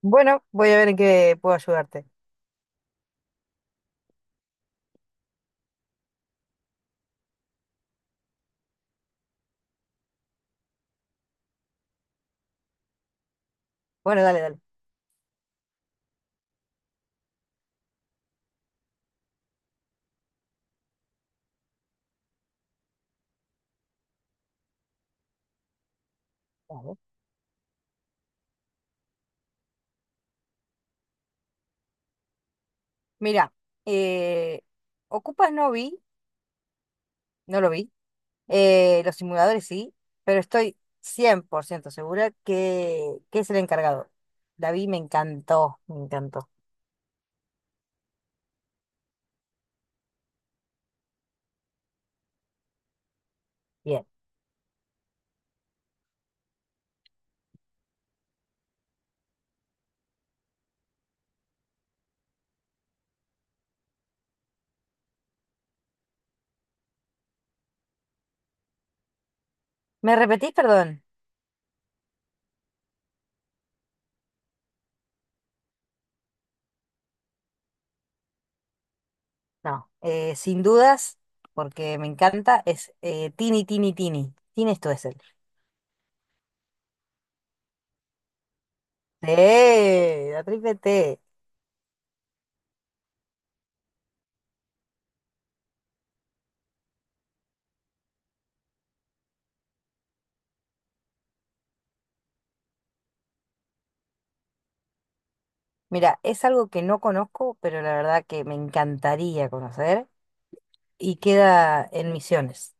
Bueno, voy a ver en qué puedo ayudarte. Bueno, dale, dale. Vale. Mira, eh, Ocupas no vi, no lo vi, los simuladores sí, pero estoy 100% segura que es el encargado. La vi, me encantó, me encantó. Bien. ¿Me repetís, perdón? No, sin dudas, porque me encanta, es Tini, Tini, Tini. Tini esto es él. Sí, la triple T. Mira, es algo que no conozco, pero la verdad que me encantaría conocer. Y queda en Misiones.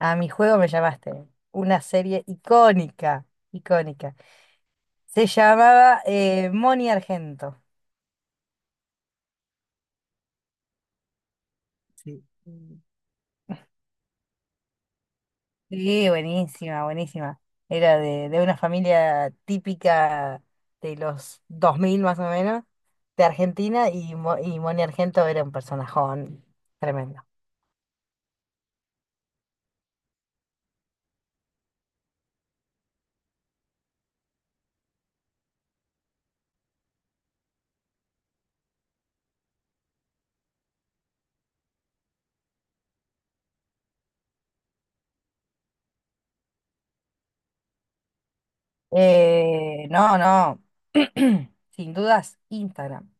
A mi juego me llamaste. Una serie icónica, icónica. Se llamaba Moni Argento. Sí. Mm. Sí, buenísima, buenísima. Era de una familia típica de los 2000 más o menos, de Argentina, y Moni Argento era un personajón tremendo. No, no, sin dudas, Instagram.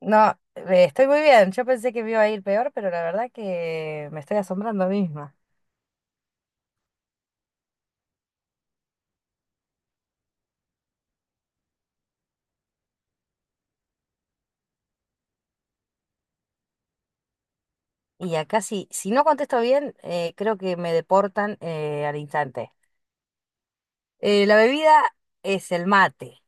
No, estoy muy bien. Yo pensé que me iba a ir peor, pero la verdad que me estoy asombrando a mí misma. Y acá sí, si no contesto bien, creo que me deportan al instante. La bebida es el mate,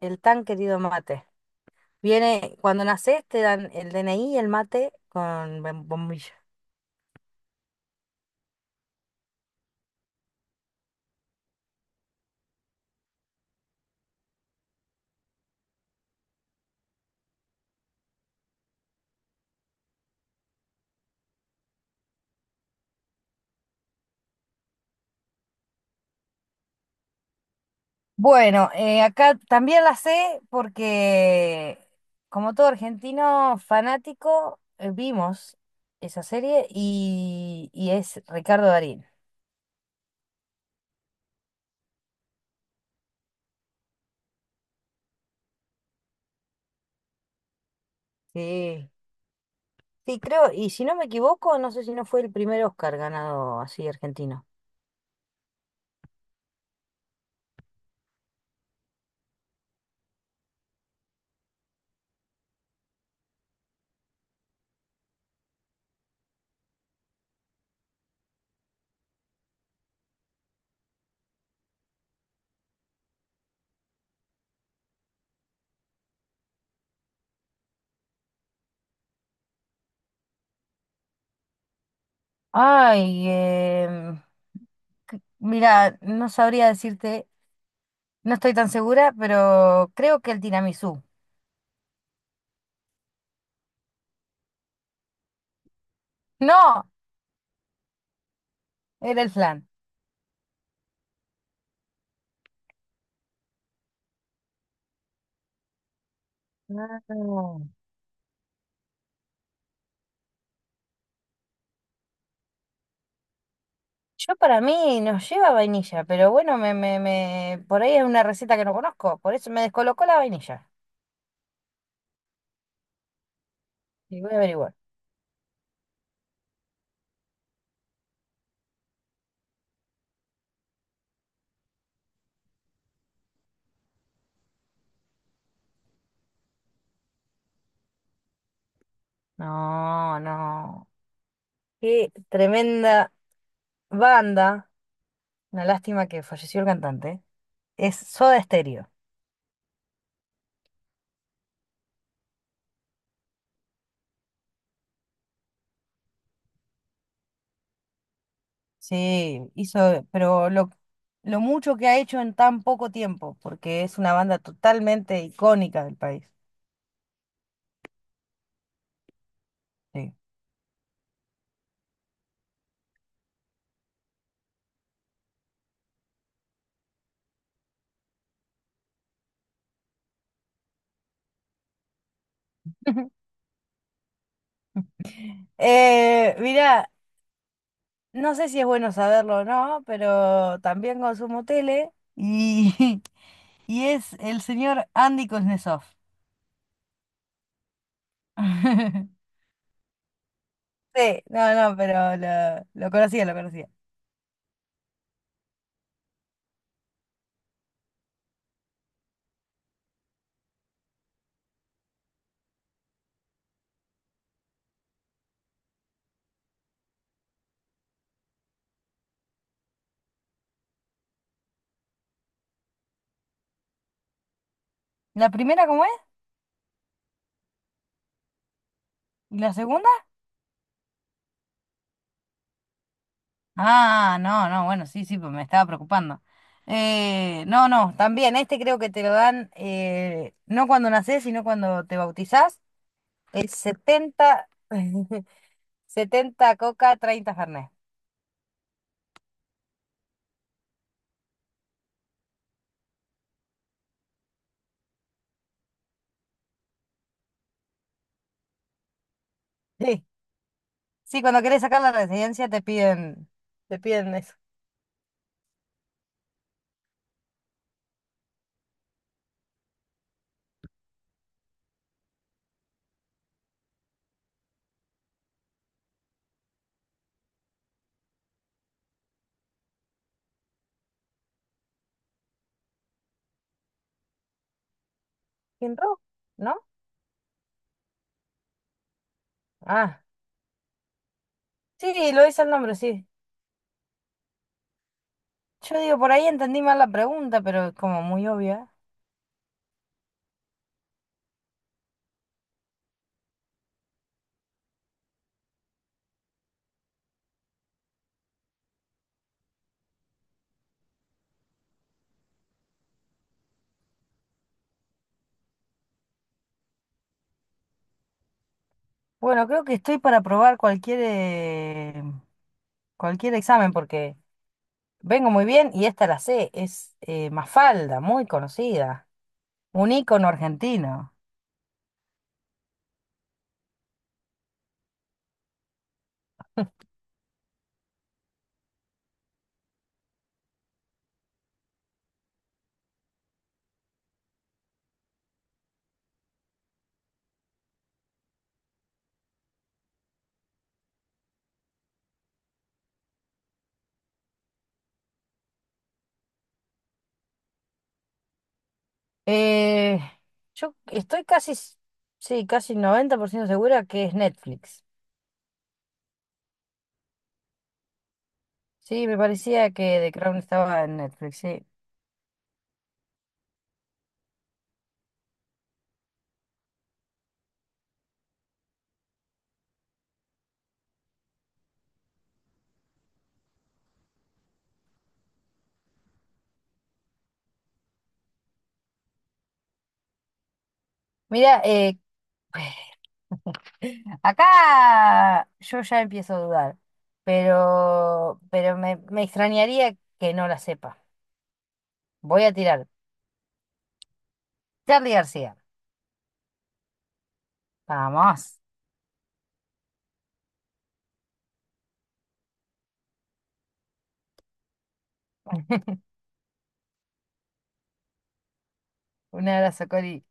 el tan querido mate. Viene, cuando nacés te dan el DNI y el mate con bombilla. Bueno, acá también la sé porque, como todo argentino fanático, vimos esa serie y es Ricardo Darín. Sí, sí, creo, y si no me equivoco, no sé si no fue el primer Oscar ganado así argentino. Ay, mira, no sabría decirte, no estoy tan segura, pero creo que el tiramisú. No, era el flan. Ah. Yo para mí nos lleva vainilla, pero bueno, me, por ahí es una receta que no conozco, por eso me descolocó la vainilla. Y voy a averiguar. No, no. Qué tremenda banda. Una lástima que falleció el cantante. Es Soda Stereo. Sí, hizo, pero lo mucho que ha hecho en tan poco tiempo, porque es una banda totalmente icónica del país. Sí. Mira, no sé si es bueno saberlo o no, pero también consumo tele y, y es el señor Andy Kuznetsov. Sí, no, no, pero lo conocía, lo conocía. ¿La primera cómo es? ¿Y la segunda? Ah, no, no, bueno, sí, sí, pues me estaba preocupando. No, no, también este creo que te lo dan no cuando nacés, sino cuando te bautizás. Es 70 70 coca, 30 Fernet. Sí, sí, cuando querés sacar la residencia te piden eso. ¿Kinro? ¿No? Ah, sí, lo dice el nombre, sí. Yo digo, por ahí entendí mal la pregunta, pero es como muy obvia. Bueno, creo que estoy para probar cualquier examen porque... Vengo muy bien y esta la sé, es Mafalda, muy conocida, un ícono argentino. Eh, yo estoy casi, sí, casi 90% segura que es Netflix. Sí, me parecía que The Crown estaba en Netflix, sí. Mira, acá yo ya empiezo a dudar, pero me extrañaría que no la sepa. Voy a tirar. Charlie García. Vamos. Un abrazo, Cori.